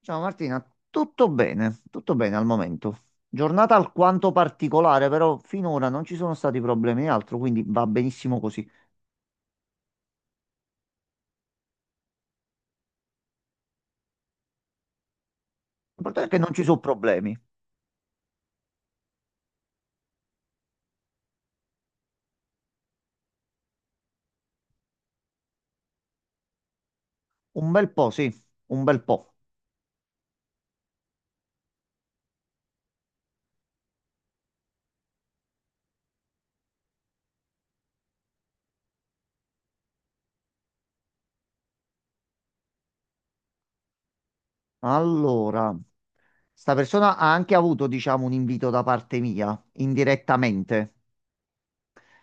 Ciao Martina, tutto bene al momento. Giornata alquanto particolare, però finora non ci sono stati problemi e altro, quindi va benissimo così. L'importante è che non ci sono problemi. Un bel po', sì, un bel po'. Allora, sta persona ha anche avuto, diciamo, un invito da parte mia, indirettamente,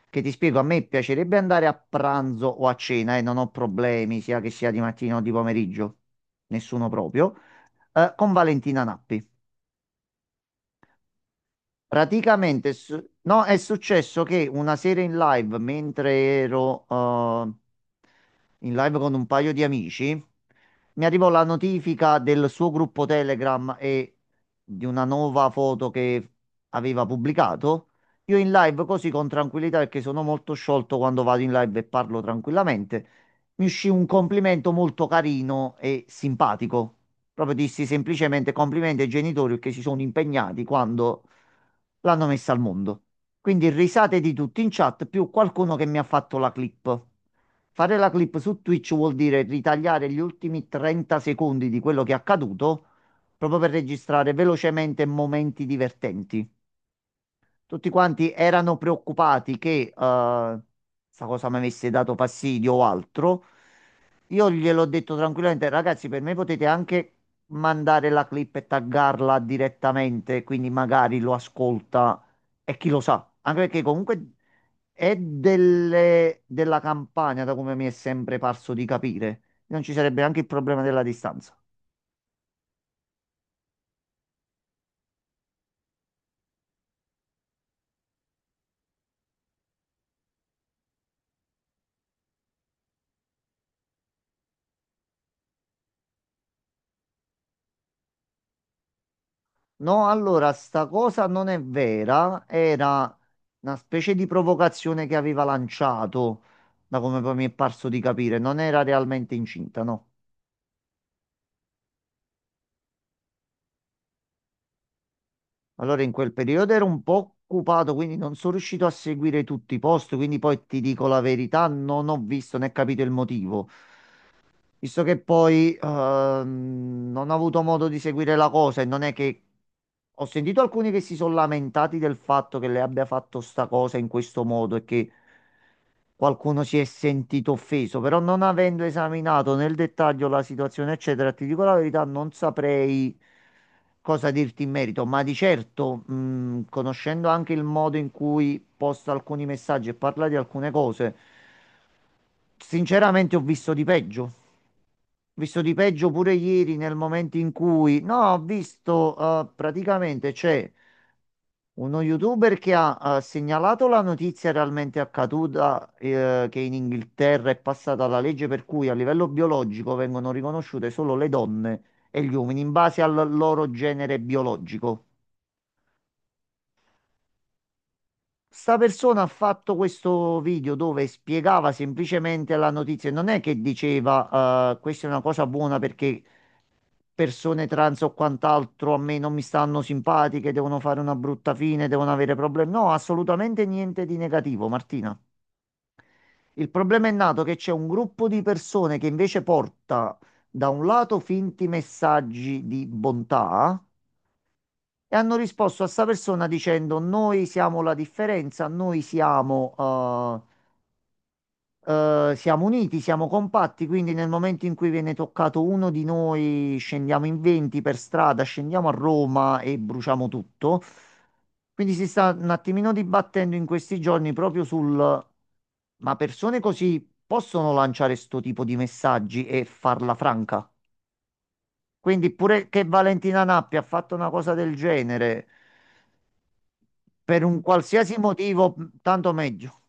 che ti spiego, a me piacerebbe andare a pranzo o a cena e non ho problemi, sia che sia di mattina o di pomeriggio, nessuno proprio, con Valentina Nappi. Praticamente, no, è successo che una sera in live, mentre ero in live con un paio di amici, mi arrivò la notifica del suo gruppo Telegram e di una nuova foto che aveva pubblicato. Io in live così con tranquillità, perché sono molto sciolto quando vado in live e parlo tranquillamente, mi uscì un complimento molto carino e simpatico. Proprio dissi semplicemente complimenti ai genitori che si sono impegnati quando l'hanno messa al mondo. Quindi risate di tutti in chat, più qualcuno che mi ha fatto la clip. Fare la clip su Twitch vuol dire ritagliare gli ultimi 30 secondi di quello che è accaduto, proprio per registrare velocemente momenti divertenti. Tutti quanti erano preoccupati che sta cosa mi avesse dato fastidio o altro. Io gliel'ho detto tranquillamente, ragazzi, per me potete anche mandare la clip e taggarla direttamente, quindi magari lo ascolta e chi lo sa, anche perché comunque è della campagna, da come mi è sempre parso di capire. Non ci sarebbe anche il problema della distanza. No, allora, sta cosa non è vera, era una specie di provocazione che aveva lanciato, da come poi mi è parso di capire, non era realmente incinta, no. Allora, in quel periodo ero un po' occupato, quindi non sono riuscito a seguire tutti i post, quindi poi ti dico la verità, non ho visto né capito il motivo. Visto che poi non ho avuto modo di seguire la cosa e non è che ho sentito alcuni che si sono lamentati del fatto che lei abbia fatto sta cosa in questo modo e che qualcuno si è sentito offeso, però non avendo esaminato nel dettaglio la situazione, eccetera, ti dico la verità, non saprei cosa dirti in merito, ma di certo, conoscendo anche il modo in cui posta alcuni messaggi e parla di alcune cose, sinceramente ho visto di peggio. Ho visto di peggio pure ieri nel momento in cui, no, ho visto praticamente c'è uno youtuber che ha segnalato la notizia realmente accaduta, che in Inghilterra è passata la legge per cui a livello biologico vengono riconosciute solo le donne e gli uomini in base al loro genere biologico. Sta persona ha fatto questo video dove spiegava semplicemente la notizia, non è che diceva, questa è una cosa buona perché persone trans o quant'altro a me non mi stanno simpatiche, devono fare una brutta fine, devono avere problemi. No, assolutamente niente di negativo, Martina. Il problema è nato che c'è un gruppo di persone che invece porta da un lato finti messaggi di bontà e hanno risposto a sta persona dicendo noi siamo la differenza, noi siamo siamo uniti, siamo compatti, quindi nel momento in cui viene toccato uno di noi, scendiamo in 20 per strada, scendiamo a Roma e bruciamo tutto. Quindi si sta un attimino dibattendo in questi giorni proprio sul, ma persone così possono lanciare sto tipo di messaggi e farla franca? Quindi pure che Valentina Nappi ha fatto una cosa del genere, per un qualsiasi motivo, tanto meglio.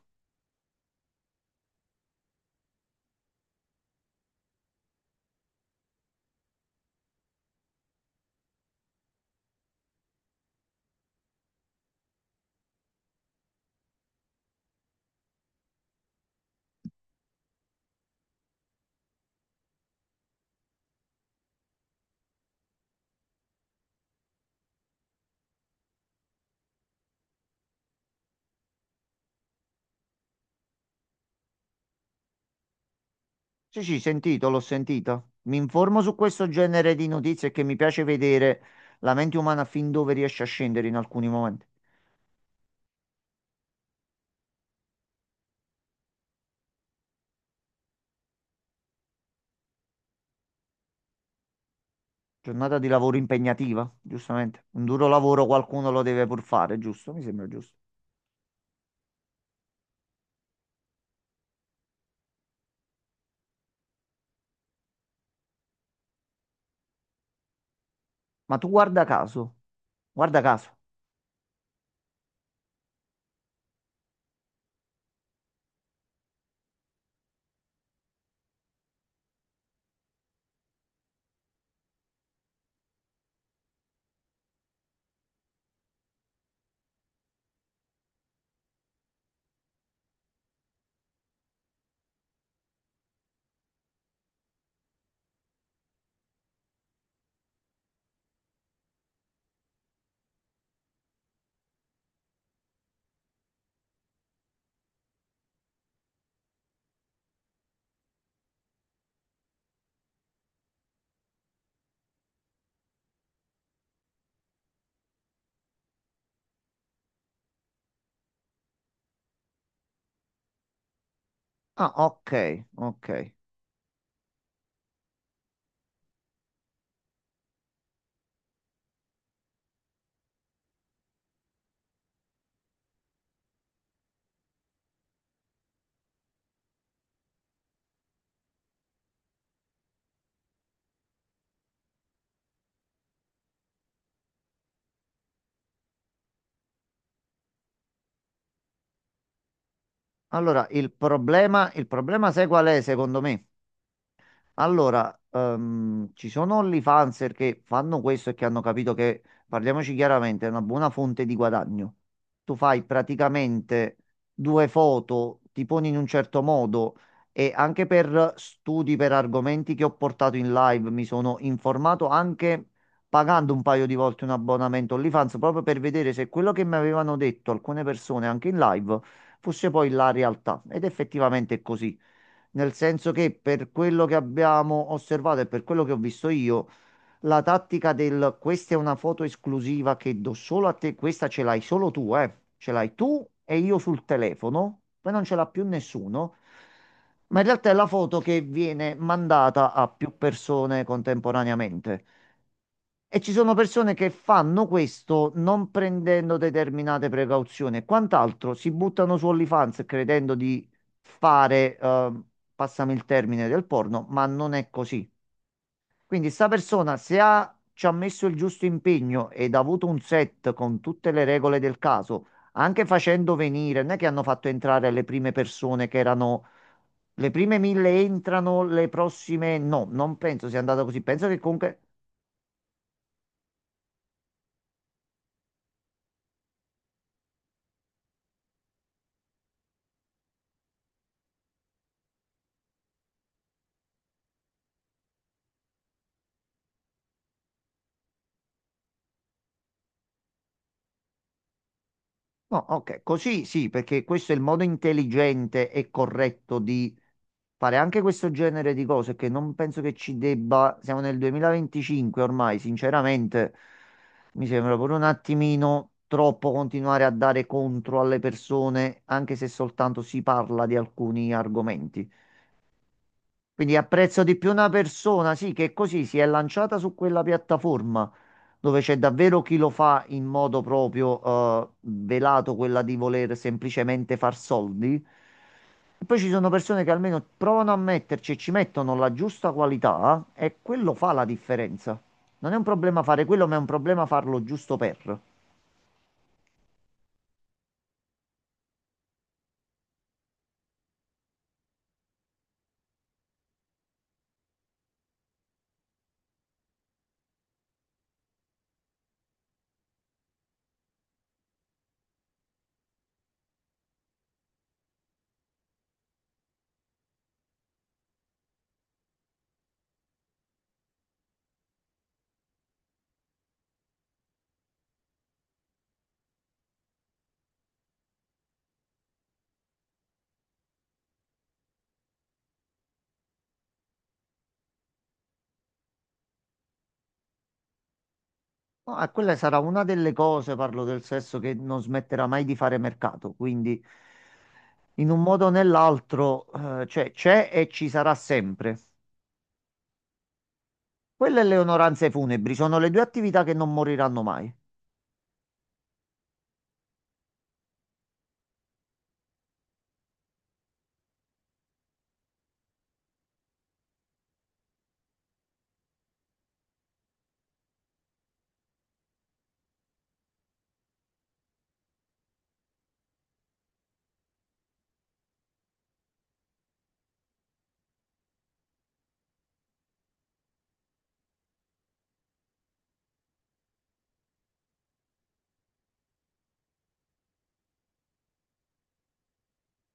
Sì, sì, sentito, l'ho sentito. Mi informo su questo genere di notizie che mi piace vedere la mente umana fin dove riesce a scendere in alcuni momenti. Giornata di lavoro impegnativa, giustamente. Un duro lavoro qualcuno lo deve pur fare, giusto? Mi sembra giusto. Ma tu guarda caso, guarda caso. Ah, ok, ok. Allora, il problema sai qual è, secondo me? Allora, ci sono OnlyFanser che fanno questo e che hanno capito che, parliamoci chiaramente, è una buona fonte di guadagno. Tu fai praticamente due foto, ti poni in un certo modo e anche per studi, per argomenti che ho portato in live, mi sono informato anche pagando un paio di volte un abbonamento OnlyFans proprio per vedere se quello che mi avevano detto alcune persone anche in live fosse poi la realtà. Ed effettivamente è così. Nel senso che per quello che abbiamo osservato e per quello che ho visto io, la tattica del questa è una foto esclusiva che do solo a te, questa ce l'hai solo tu, eh. Ce l'hai tu e io sul telefono, poi non ce l'ha più nessuno. Ma in realtà è la foto che viene mandata a più persone contemporaneamente. E ci sono persone che fanno questo non prendendo determinate precauzioni e quant'altro, si buttano su OnlyFans credendo di fare, passami il termine, del porno, ma non è così. Quindi sta persona, se ha, ci ha messo il giusto impegno ed ha avuto un set con tutte le regole del caso, anche facendo venire, non è che hanno fatto entrare le prime persone che erano... Le prime mille entrano, le prossime no, non penso sia andata così. Penso che comunque no, ok, così sì, perché questo è il modo intelligente e corretto di fare anche questo genere di cose che non penso che ci debba, siamo nel 2025 ormai, sinceramente mi sembra pure un attimino troppo continuare a dare contro alle persone, anche se soltanto si parla di alcuni argomenti. Quindi apprezzo di più una persona, sì, che così si è lanciata su quella piattaforma dove c'è davvero chi lo fa in modo proprio velato, quella di voler semplicemente far soldi. E poi ci sono persone che almeno provano a metterci e ci mettono la giusta qualità e quello fa la differenza. Non è un problema fare quello, ma è un problema farlo giusto per. No, quella sarà una delle cose, parlo del sesso, che non smetterà mai di fare mercato, quindi in un modo o nell'altro c'è e ci sarà sempre. Quelle e le onoranze funebri sono le due attività che non moriranno mai.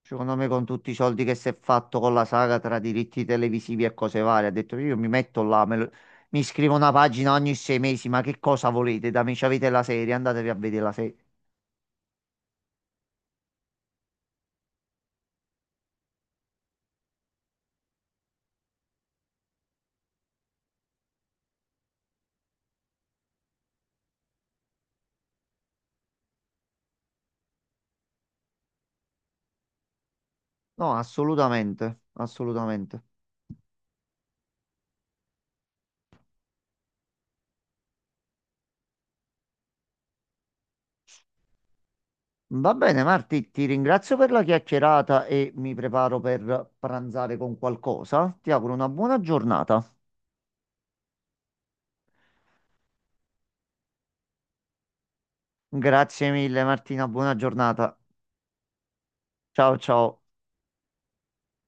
Secondo me, con tutti i soldi che si è fatto con la saga tra diritti televisivi e cose varie, ha detto io mi metto là, mi scrivo una pagina ogni sei mesi, ma che cosa volete da me? C'avete la serie, andatevi a vedere la serie. No, assolutamente, assolutamente. Va bene, Marti, ti ringrazio per la chiacchierata e mi preparo per pranzare con qualcosa. Ti auguro una buona giornata. Grazie mille, Martina, buona giornata. Ciao ciao.